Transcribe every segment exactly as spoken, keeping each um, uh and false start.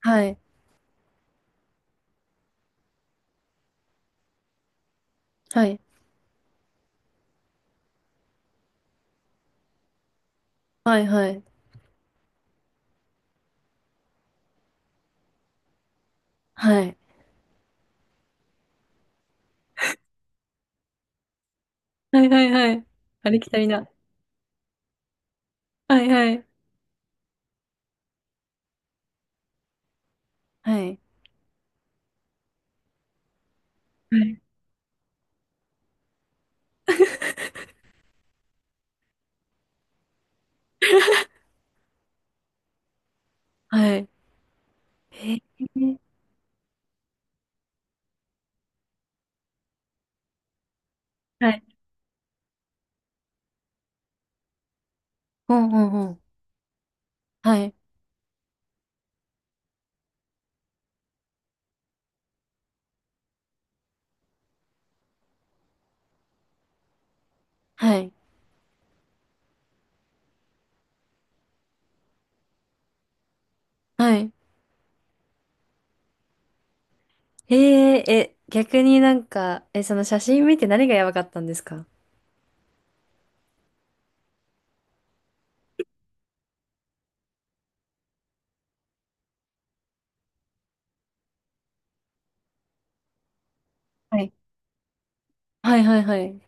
はい。はい。はい。はい。はい。はい。はい。はい。ありきたりな。はい。はい。はい。はい。はい。えー、はい。うんうんうん。はい。はい。はい。えー、え、逆になんか、え、その写真見て何がやばかったんですか？はい。はいはいはい。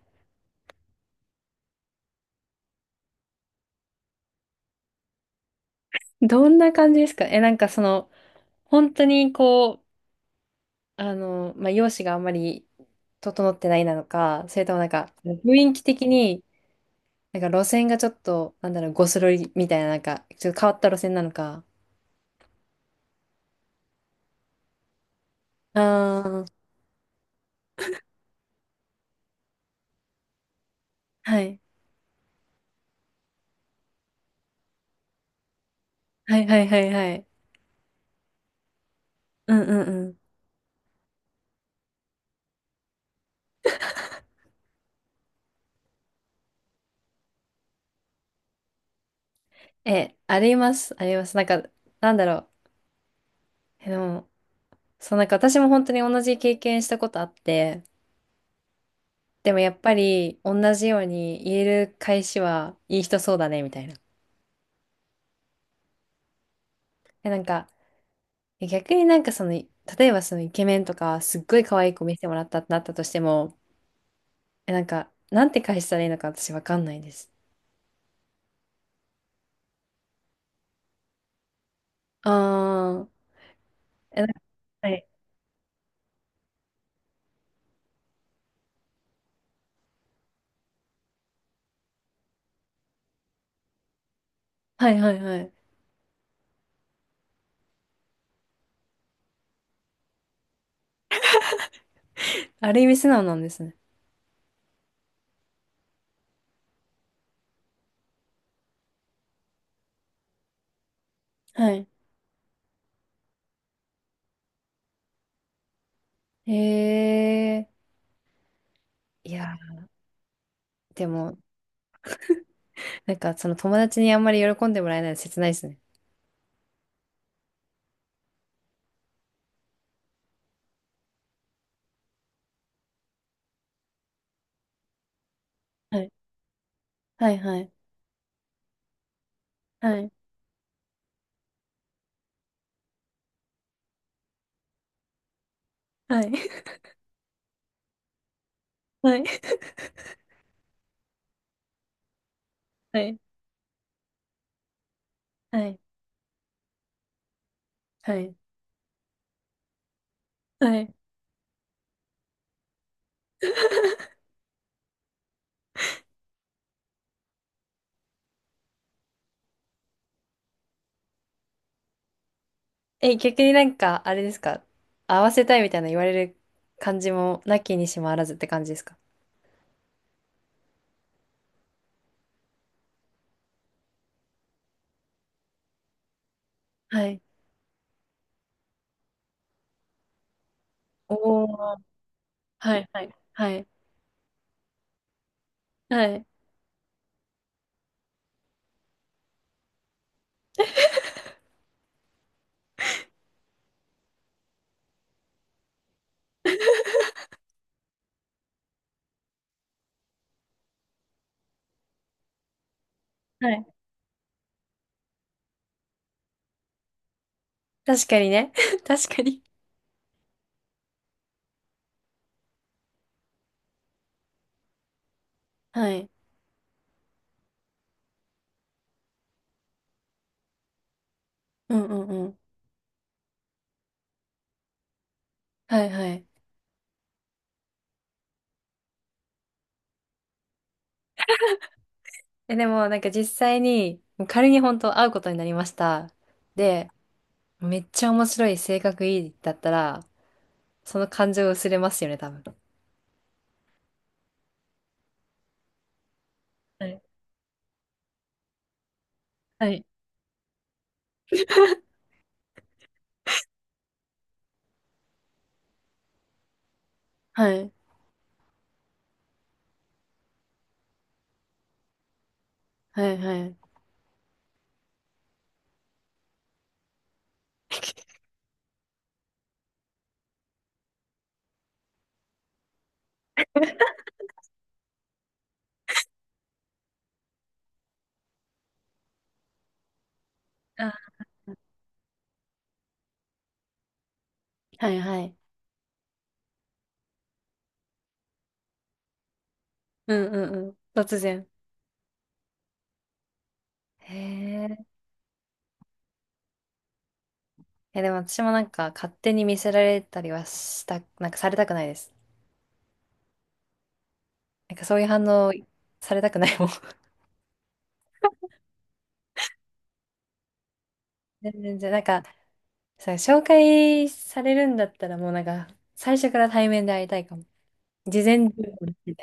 どんな感じですか？え、なんかその、本当にこう、あの、まあ、容姿があんまり整ってないなのか、それともなんか、雰囲気的に、なんか路線がちょっと、なんだろう、ゴスロリみたいな、なんか、ちょっと変わった路線なのか。ああ、はい。はいはいはいはい。うんうんうん。え、あります、あります。なんか、なんだろう。え、でも、そう、なんか私も本当に同じ経験したことあって、でもやっぱり同じように言える返しはいい人そうだね、みたいな。え、なんか、え、逆になんかその、例えばそのイケメンとか、すっごい可愛い子見せてもらったってなったとしても、え、なんか、なんて返したらいいのか私わかんないです。ああ。え、なんか、はい。はいはいはい。ある意味素直なんですね。はい。へえ。いや、でも、なんかその友達にあんまり喜んでもらえないの切ないですね。はい。はいはい。はい。はい。はい。はい。はい。はい。はい。え、逆になんか、あれですか？合わせたいみたいな言われる感じも、なきにしもあらずって感じですか？はい。おお、はいはいはいはいはい。確かにね。確かに。はい。うんうん。はいはい。え、でもなんか実際に、もう仮に本当会うことになりました。で、めっちゃ面白い、性格いいだったら、その感情薄れますよね、多分。はい。はい。はい、はい、はい。あ、はいはい。うんうんうん。突然。へえ。いや、でも私もなんか勝手に見せられたりはした、なんかされたくないです。なんかそういう反応されたくないもん。全然、なんかさ、紹介されるんだったらもうなんか最初から対面で会いたいかも。事前準備で、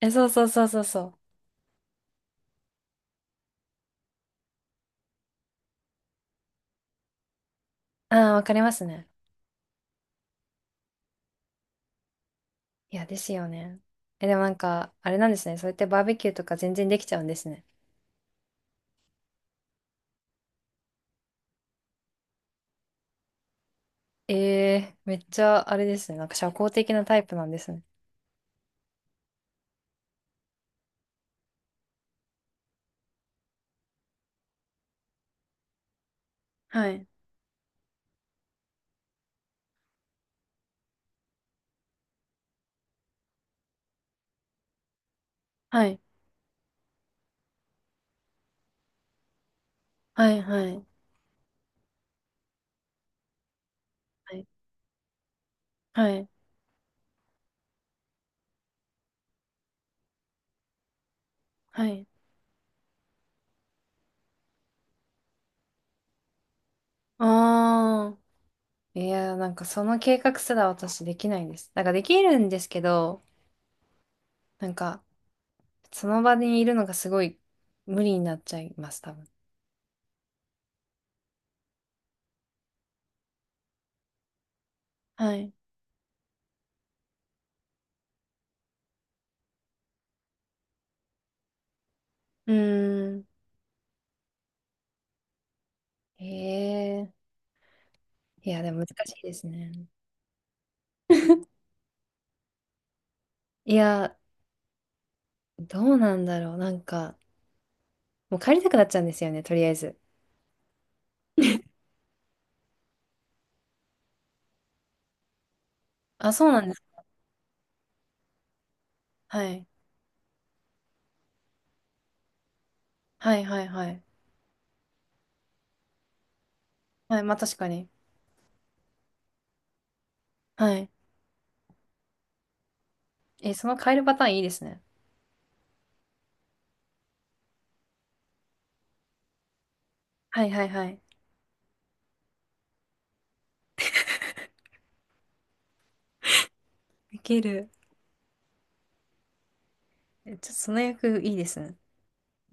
え、そうそうそうそうそう。ああ、わかりますね。いや、ですよね。え、でもなんか、あれなんですね。そうやってバーベキューとか全然できちゃうんですね。ええ、めっちゃあれですね。なんか社交的なタイプなんですね。はい。はい。はい。はい。はい。はい。はい。ああ。いや、なんかその計画すら私できないんです。なんかできるんですけど、なんか、その場にいるのがすごい無理になっちゃいます、多分。はい。うーん。ええ、いや、でも難しいですね。いや、どうなんだろう。なんか、もう帰りたくなっちゃうんですよね、とりあえず。あ、そうなんです。はい。はいはいはい。はい、まあ確かに。はい。え、その帰るパターンいいですね。はいはいはい。いける。え、ちょっとその役いいですね。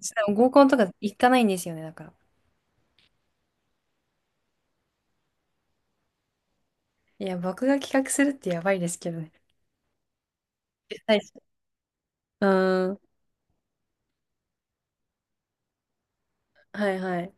ちょっと合コンとか行かないんですよね、だから。いや、僕が企画するってやばいですけどね。絶対し、うーん。はいはい。